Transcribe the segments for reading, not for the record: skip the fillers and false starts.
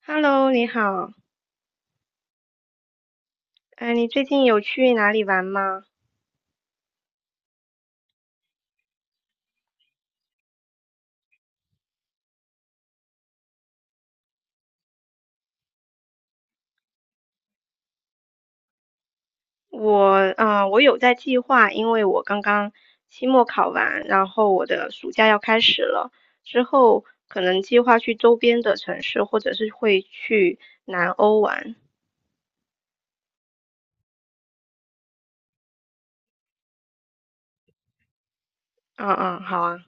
Hello，你好。哎，你最近有去哪里玩吗？我，我有在计划，因为我刚刚期末考完，然后我的暑假要开始了，之后可能计划去周边的城市，或者是会去南欧玩。嗯嗯，好啊。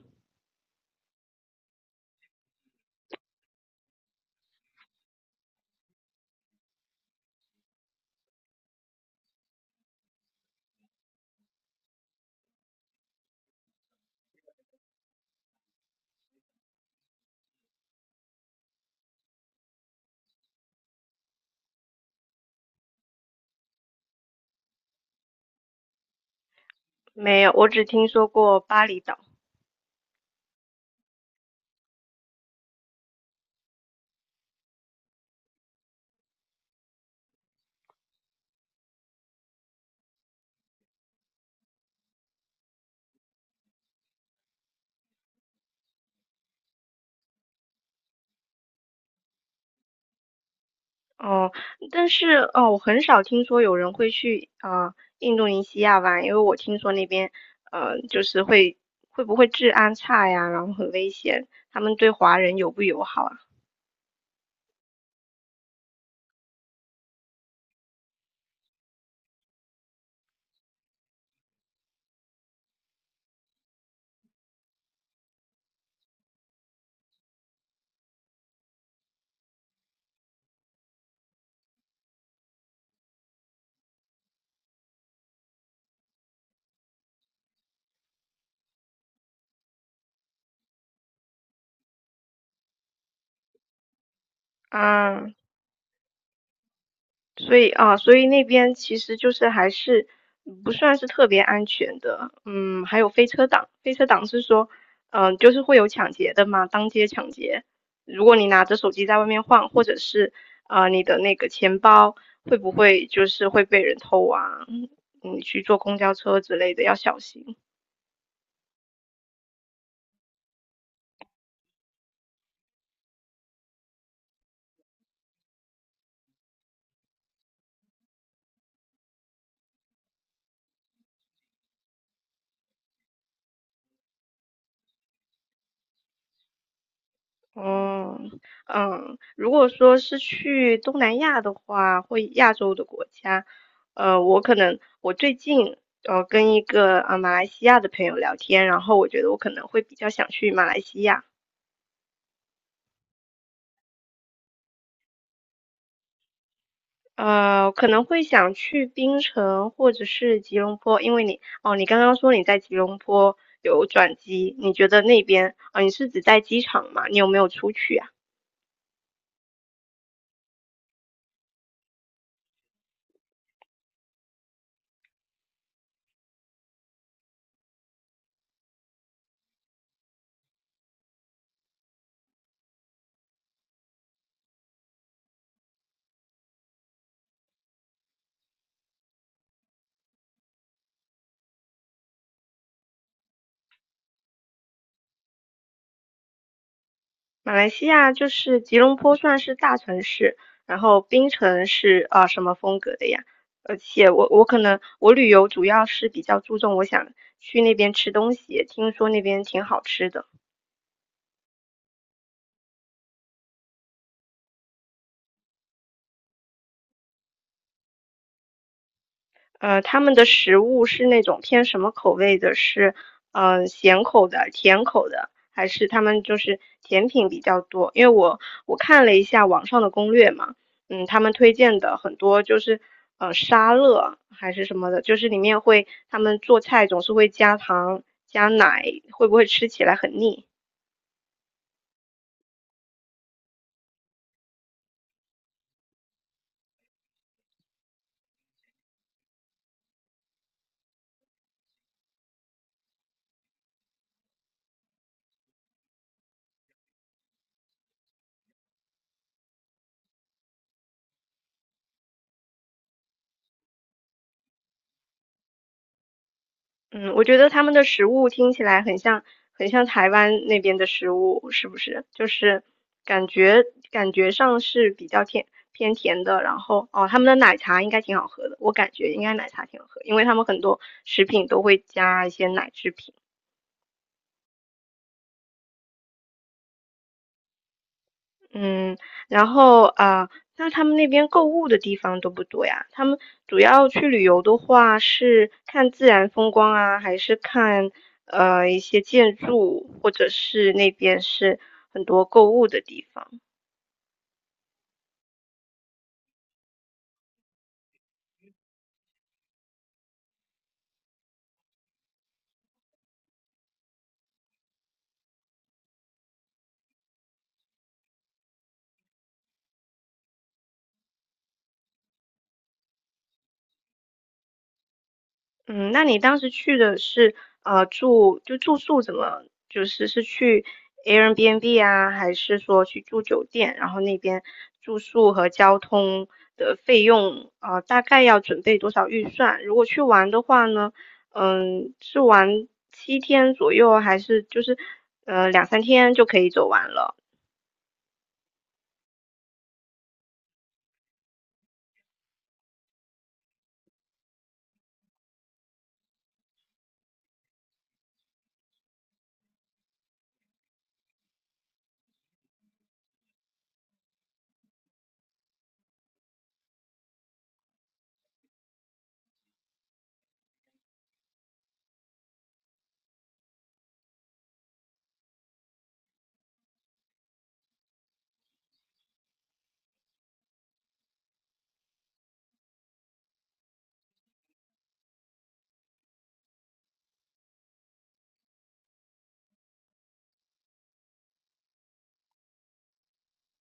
没有，我只听说过巴厘岛。哦，但是哦，我很少听说有人会去印度尼西亚玩，因为我听说那边就是会不会治安差呀，然后很危险，他们对华人友不友好啊？啊。所以啊，所以那边其实就是还是不算是特别安全的。嗯，还有飞车党，飞车党是说，嗯、就是会有抢劫的嘛，当街抢劫。如果你拿着手机在外面晃，或者是你的那个钱包会不会就是会被人偷啊？嗯，你去坐公交车之类的要小心。哦，嗯，如果说是去东南亚的话，或亚洲的国家，我可能我最近跟一个马来西亚的朋友聊天，然后我觉得我可能会比较想去马来西亚。可能会想去槟城或者是吉隆坡，因为你哦，你刚刚说你在吉隆坡有转机，你觉得那边啊，你是指在机场吗？你有没有出去啊？马来西亚就是吉隆坡算是大城市，然后槟城是什么风格的呀？而且我可能我旅游主要是比较注重我想去那边吃东西，听说那边挺好吃的。他们的食物是那种偏什么口味的？是咸口的、甜口的，还是他们就是甜品比较多？因为我看了一下网上的攻略嘛。嗯，他们推荐的很多就是沙乐还是什么的，就是里面会他们做菜总是会加糖加奶，会不会吃起来很腻？嗯，我觉得他们的食物听起来很像，很像台湾那边的食物，是不是？就是感觉感觉上是比较甜偏甜的，然后哦，他们的奶茶应该挺好喝的，我感觉应该奶茶挺好喝，因为他们很多食品都会加一些奶制品。嗯，然后啊，那他们那边购物的地方多不多呀？他们主要去旅游的话，是看自然风光啊，还是看一些建筑，或者是那边是很多购物的地方？嗯，那你当时去的是住就住宿怎么就是是去 Airbnb 啊，还是说去住酒店？然后那边住宿和交通的费用大概要准备多少预算？如果去玩的话呢，嗯，是玩7天左右，还是就是2、3天就可以走完了？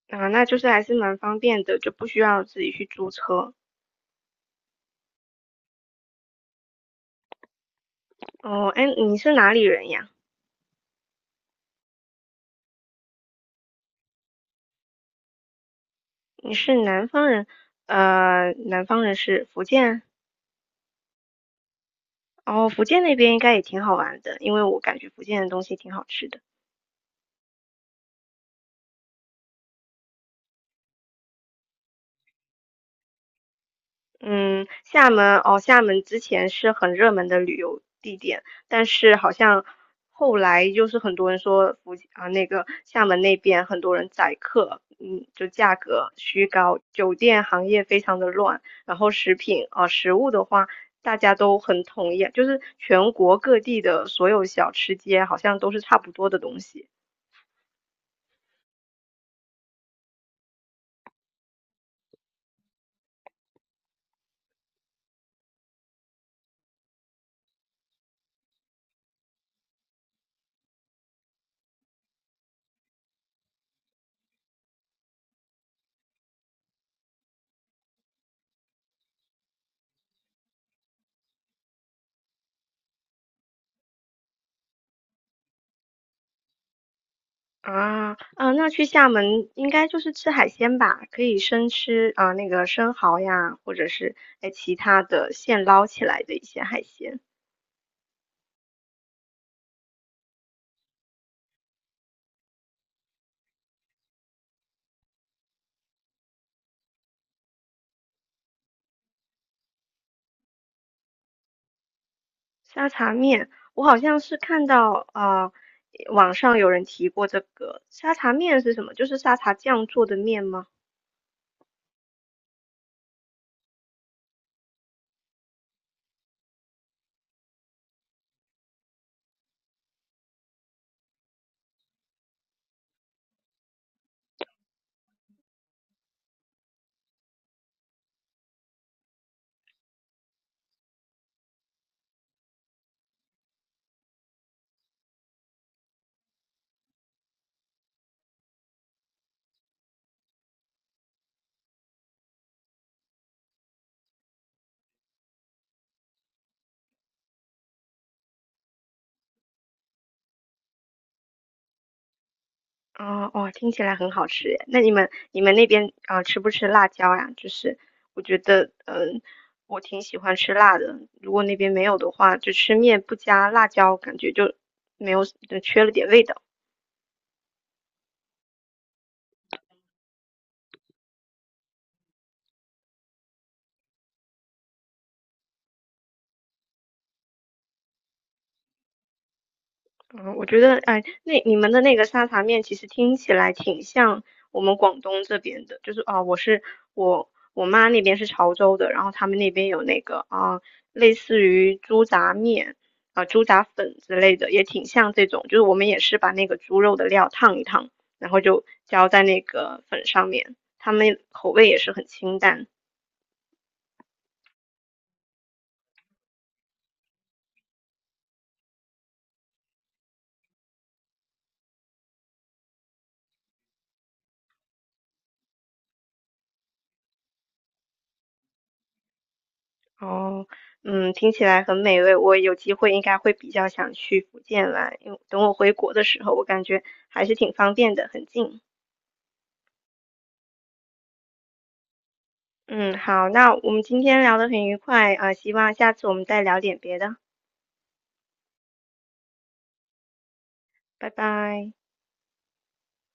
啊、那就是还是蛮方便的，就不需要自己去租车。哦，哎，你是哪里人呀？你是南方人。南方人是福建，哦，福建那边应该也挺好玩的，因为我感觉福建的东西挺好吃的。嗯，厦门哦，厦门之前是很热门的旅游地点，但是好像后来就是很多人说福建啊，那个厦门那边很多人宰客，嗯，就价格虚高，酒店行业非常的乱，然后食品啊，食物的话，大家都很统一，就是全国各地的所有小吃街好像都是差不多的东西。啊，啊，那去厦门应该就是吃海鲜吧？可以生吃啊，那个生蚝呀，或者是哎其他的现捞起来的一些海鲜。沙茶面，我好像是看到啊，网上有人提过这个沙茶面是什么？就是沙茶酱做的面吗？哦哦，听起来很好吃耶。那你们那边啊，吃不吃辣椒呀？就是我觉得嗯、我挺喜欢吃辣的。如果那边没有的话，就吃面不加辣椒，感觉就没有，就缺了点味道。嗯，我觉得，哎，那你们的那个沙茶面其实听起来挺像我们广东这边的，就是啊，我我妈那边是潮州的，然后他们那边有那个啊，类似于猪杂面啊、猪杂粉之类的，也挺像这种，就是我们也是把那个猪肉的料烫一烫，然后就浇在那个粉上面，他们口味也是很清淡的。哦，嗯，听起来很美味。我有机会应该会比较想去福建玩，因为等我回国的时候，我感觉还是挺方便的，很近。嗯，好，那我们今天聊得很愉快啊，希望下次我们再聊点别的。拜拜。